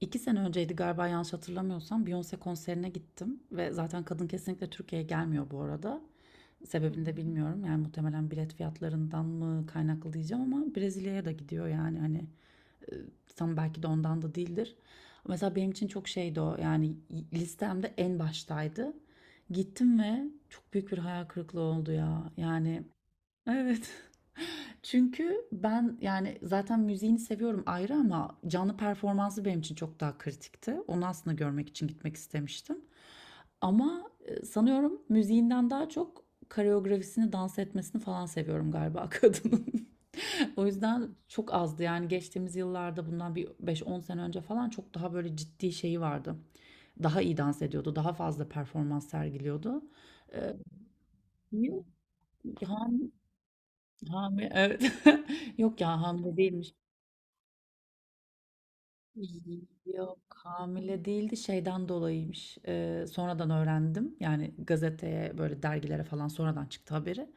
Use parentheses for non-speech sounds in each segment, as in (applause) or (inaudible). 2 sene önceydi galiba yanlış hatırlamıyorsam Beyoncé konserine gittim ve zaten kadın kesinlikle Türkiye'ye gelmiyor bu arada. Sebebini de bilmiyorum yani muhtemelen bilet fiyatlarından mı kaynaklı diyeceğim ama Brezilya'ya da gidiyor yani hani e, tam belki de ondan da değildir. Mesela benim için çok şeydi o yani listemde en baştaydı. Gittim ve çok büyük bir hayal kırıklığı oldu ya yani evet. (laughs) Çünkü ben yani zaten müziğini seviyorum ayrı ama canlı performansı benim için çok daha kritikti. Onu aslında görmek için gitmek istemiştim. Ama sanıyorum müziğinden daha çok koreografisini, dans etmesini falan seviyorum galiba (laughs) kadının. O yüzden çok azdı yani geçtiğimiz yıllarda bundan bir beş on sene önce falan çok daha böyle ciddi şeyi vardı. Daha iyi dans ediyordu, daha fazla performans sergiliyordu. Ee, Yok, ham, Hami, evet. (laughs) Yok ya, Hamdi değilmiş. Yok, hamile değildi, şeyden dolayıymış. Sonradan öğrendim. Yani gazeteye böyle dergilere falan sonradan çıktı haberi.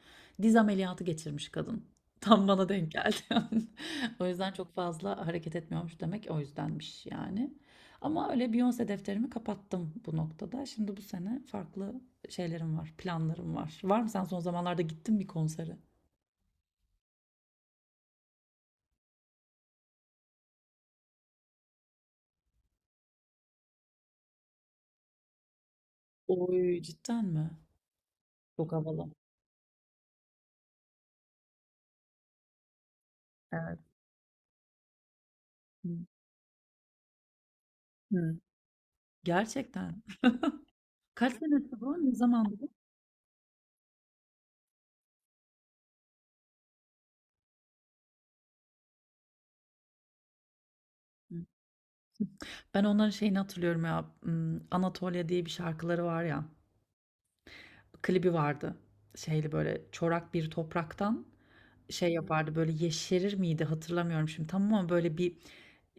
Diz ameliyatı geçirmiş kadın. (laughs) Tam bana denk geldi. (laughs) O yüzden çok fazla hareket etmiyormuş, demek o yüzdenmiş yani. Ama öyle Beyoncé defterimi kapattım bu noktada. Şimdi bu sene farklı şeylerim var, planlarım var. Var mı, sen son zamanlarda gittin bir konsere? Oy, cidden mi? Çok havalı. Evet. Hı. Hı. Gerçekten. Kaç senesi bu? Ne zamandı bu? Hı. Ben onların şeyini hatırlıyorum ya. Anatolia diye bir şarkıları var ya. Klibi vardı. Şeyli böyle çorak bir topraktan. Şey yapardı, böyle yeşerir miydi hatırlamıyorum şimdi tamam, ama böyle bir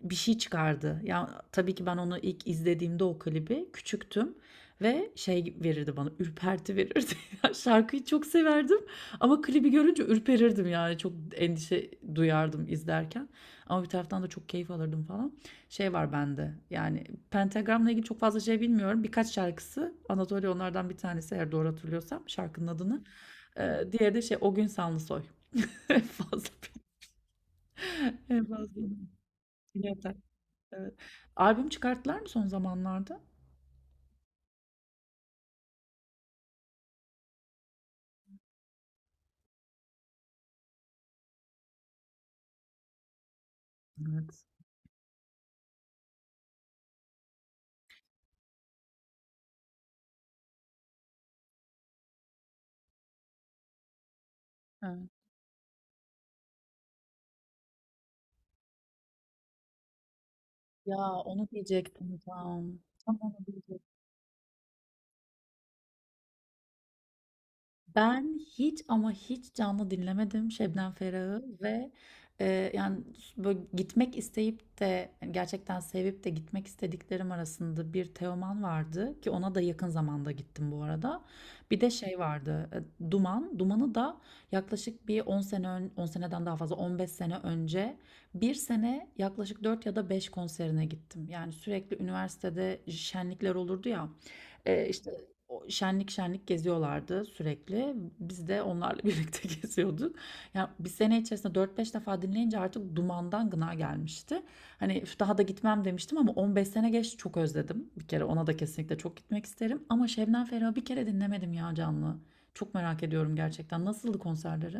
bir şey çıkardı. Ya tabii ki ben onu ilk izlediğimde o klibi küçüktüm ve şey verirdi bana, ürperti verirdi. (laughs) Ya şarkıyı çok severdim ama klibi görünce ürperirdim yani, çok endişe duyardım izlerken. Ama bir taraftan da çok keyif alırdım falan. Şey var bende yani, Pentagram'la ilgili çok fazla şey bilmiyorum. Birkaç şarkısı, Anatolia onlardan bir tanesi eğer doğru hatırlıyorsam şarkının adını. Diğeri de şey, O Gün Sanlı Soy. (laughs) En fazla en fazla dinleten. Evet. Albüm çıkarttılar mı son zamanlarda? Evet. He. Ya, onu diyecektim tam. Tam onu diyecektim. Ben hiç, ama hiç canlı dinlemedim Şebnem Ferah'ı ve yani böyle gitmek isteyip de yani gerçekten sevip de gitmek istediklerim arasında bir Teoman vardı ki ona da yakın zamanda gittim bu arada. Bir de şey vardı, Duman. Duman'ı da yaklaşık bir 10 sene 10 seneden daha fazla, 15 sene önce bir sene yaklaşık 4 ya da 5 konserine gittim. Yani sürekli üniversitede şenlikler olurdu ya. İşte o şenlik şenlik geziyorlardı sürekli. Biz de onlarla birlikte (laughs) geziyorduk. Yani bir sene içerisinde dört beş defa dinleyince artık dumandan gına gelmişti. Hani üf, daha da gitmem demiştim ama 15 sene geçti, çok özledim. Bir kere ona da kesinlikle çok gitmek isterim. Ama Şebnem Ferah'ı bir kere dinlemedim ya canlı. Çok merak ediyorum gerçekten. Nasıldı konserleri?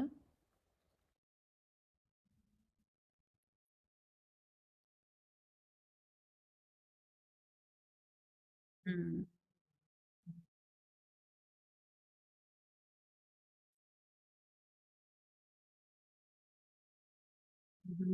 Hmm. Hı hı.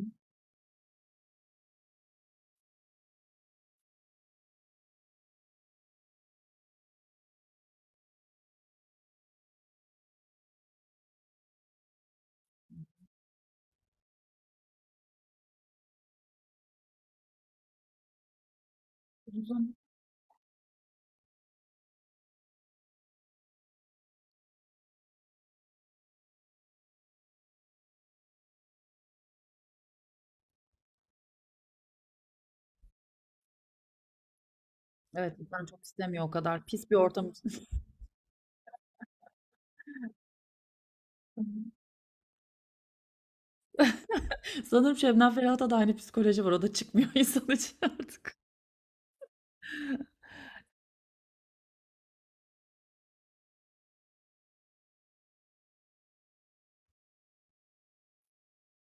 Evet, ben çok istemiyor o kadar pis bir ortam için. (laughs) Sanırım Şebnem Ferah'ta da aynı psikoloji var. O da çıkmıyor (laughs) insan için artık.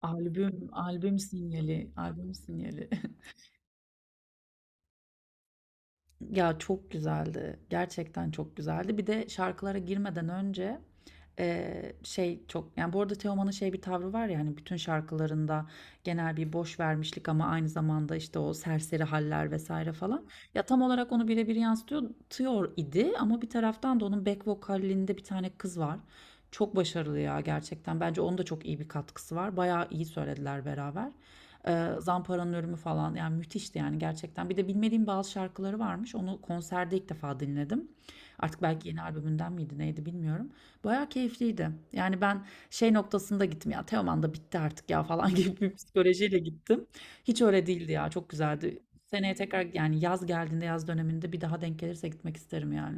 Albüm, albüm sinyali, albüm sinyali. (laughs) Ya çok güzeldi. Gerçekten çok güzeldi. Bir de şarkılara girmeden önce şey çok, yani bu arada Teoman'ın şey bir tavrı var ya hani, bütün şarkılarında genel bir boş vermişlik ama aynı zamanda işte o serseri haller vesaire falan. Ya tam olarak onu birebir yansıtıyor idi, ama bir taraftan da onun back vokalinde bir tane kız var. Çok başarılı ya gerçekten. Bence onun da çok iyi bir katkısı var. Bayağı iyi söylediler beraber. Zampara'nın Ölümü falan yani, müthişti yani gerçekten. Bir de bilmediğim bazı şarkıları varmış. Onu konserde ilk defa dinledim. Artık belki yeni albümünden miydi neydi bilmiyorum. Bayağı keyifliydi. Yani ben şey noktasında gittim ya, Teoman da bitti artık ya falan (laughs) gibi bir psikolojiyle gittim. Hiç öyle değildi ya, çok güzeldi. Seneye tekrar yani yaz geldiğinde yaz döneminde bir daha denk gelirse gitmek isterim yani.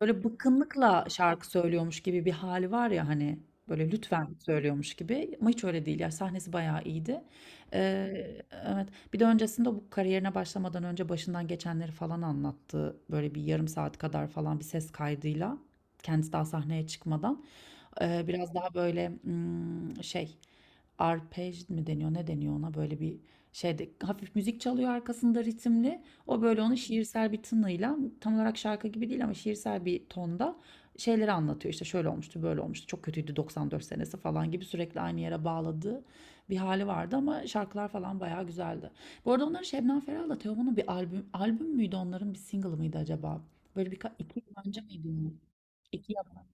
Böyle bıkkınlıkla şarkı söylüyormuş gibi bir hali var ya hani, böyle lütfen söylüyormuş gibi ama hiç öyle değil ya, sahnesi bayağı iyiydi. Ee, evet, bir de öncesinde bu kariyerine başlamadan önce başından geçenleri falan anlattı böyle bir yarım saat kadar falan bir ses kaydıyla, kendisi daha sahneye çıkmadan. Biraz daha böyle şey, arpej mi deniyor ne deniyor ona, böyle bir şeyde hafif müzik çalıyor arkasında ritimli, o böyle onu şiirsel bir tınıyla, tam olarak şarkı gibi değil ama şiirsel bir tonda şeyleri anlatıyor. İşte şöyle olmuştu, böyle olmuştu, çok kötüydü 94 senesi falan gibi sürekli aynı yere bağladığı bir hali vardı ama şarkılar falan bayağı güzeldi. Bu arada onların, Şebnem Ferah'la Teoman'ın bir albüm müydü, onların bir single mıydı acaba? Böyle bir iki yıl önce miydi ya? İki yabancı.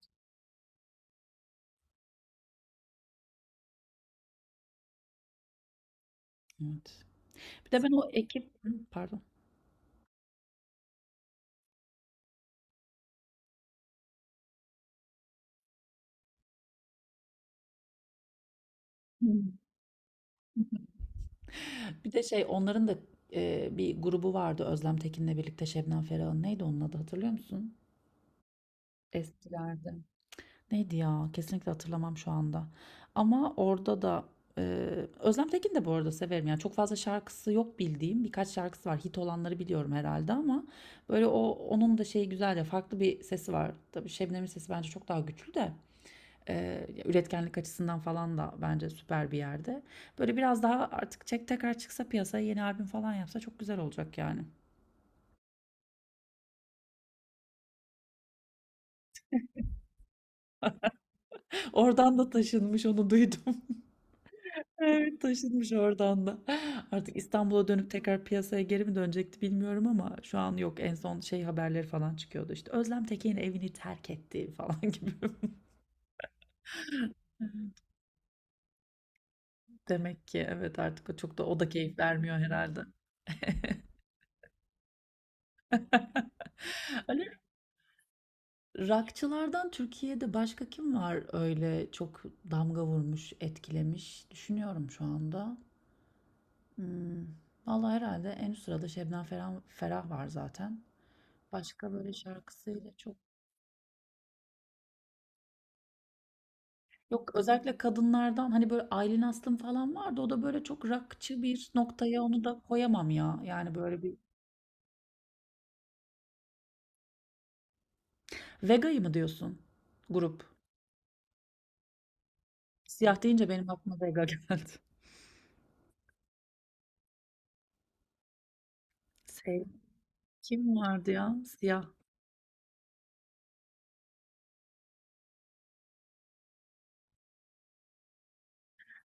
Evet. Bir de ben o ekip, Hı, pardon. (laughs) Hı. Bir de şey, onların da bir grubu vardı Özlem Tekin'le birlikte, Şebnem Ferah'ın, neydi onun adı, hatırlıyor musun? Eskilerde. Neydi ya? Kesinlikle hatırlamam şu anda. Ama orada da e, Özlem Tekin de bu arada severim. Yani çok fazla şarkısı yok bildiğim. Birkaç şarkısı var. Hit olanları biliyorum herhalde ama böyle onun da şeyi güzel ya. Farklı bir sesi var. Tabii Şebnem'in sesi bence çok daha güçlü de. Üretkenlik açısından falan da bence süper bir yerde. Böyle biraz daha, artık çek tekrar çıksa piyasaya yeni albüm falan yapsa çok güzel olacak yani. (laughs) Oradan da taşınmış, onu duydum. Evet, taşınmış oradan da. Artık İstanbul'a dönüp tekrar piyasaya geri mi dönecekti bilmiyorum ama şu an yok. En son şey, haberleri falan çıkıyordu işte, Özlem Tekin evini terk etti falan (laughs) gibi. Demek ki evet, artık o çok da, o da keyif vermiyor herhalde. Ali Rockçılardan Türkiye'de başka kim var öyle, çok damga vurmuş, etkilemiş? Düşünüyorum şu anda. Hmm. Vallahi herhalde en üst sırada Şebnem Ferah var zaten. Başka böyle şarkısıyla çok. Yok, özellikle kadınlardan hani böyle Aylin Aslım falan vardı. O da böyle çok rockçı bir noktaya, onu da koyamam ya. Yani böyle bir, Vega'yı mı diyorsun grup? Siyah deyince benim aklıma Vega geldi. (laughs) Şey, kim vardı ya siyah?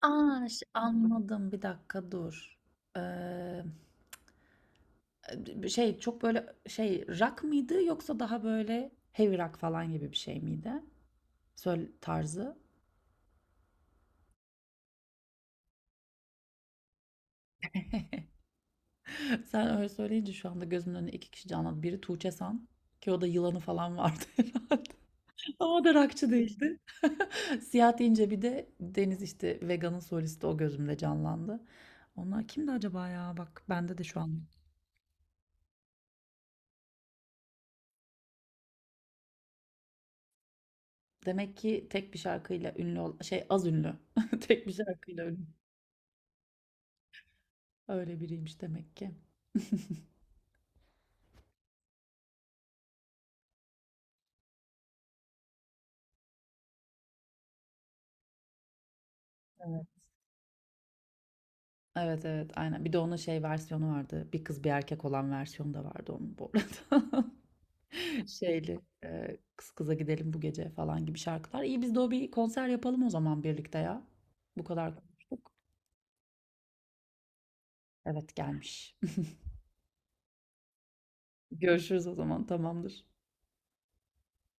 Aa, anladım, bir dakika dur. Ee, Bir şey çok böyle şey, rock mıydı yoksa daha böyle heavy rock falan gibi bir şey miydi? Söyle tarzı. Sen öyle söyleyince şu anda gözümün önüne iki kişi canlandı. Biri Tuğçe San, ki o da yılanı falan vardı (laughs) herhalde. Ama o da rockçı değildi. (laughs) Siyah deyince bir de Deniz, işte Vega'nın solisti, o gözümde canlandı. Onlar kimdi acaba ya? Bak bende de şu an. Demek ki tek bir şarkıyla ünlü ol, şey az ünlü. (laughs) Tek bir şarkıyla ünlü. Öyle biriymiş demek ki. Evet. Evet, evet aynen. Bir de onun şey versiyonu vardı. Bir kız bir erkek olan versiyonu da vardı onun bu arada. Şeyli kız kıza gidelim bu gece falan gibi şarkılar. İyi, biz de o bir konser yapalım o zaman birlikte ya. Bu kadar konuştuk. Evet, gelmiş. (laughs) Görüşürüz o zaman, tamamdır.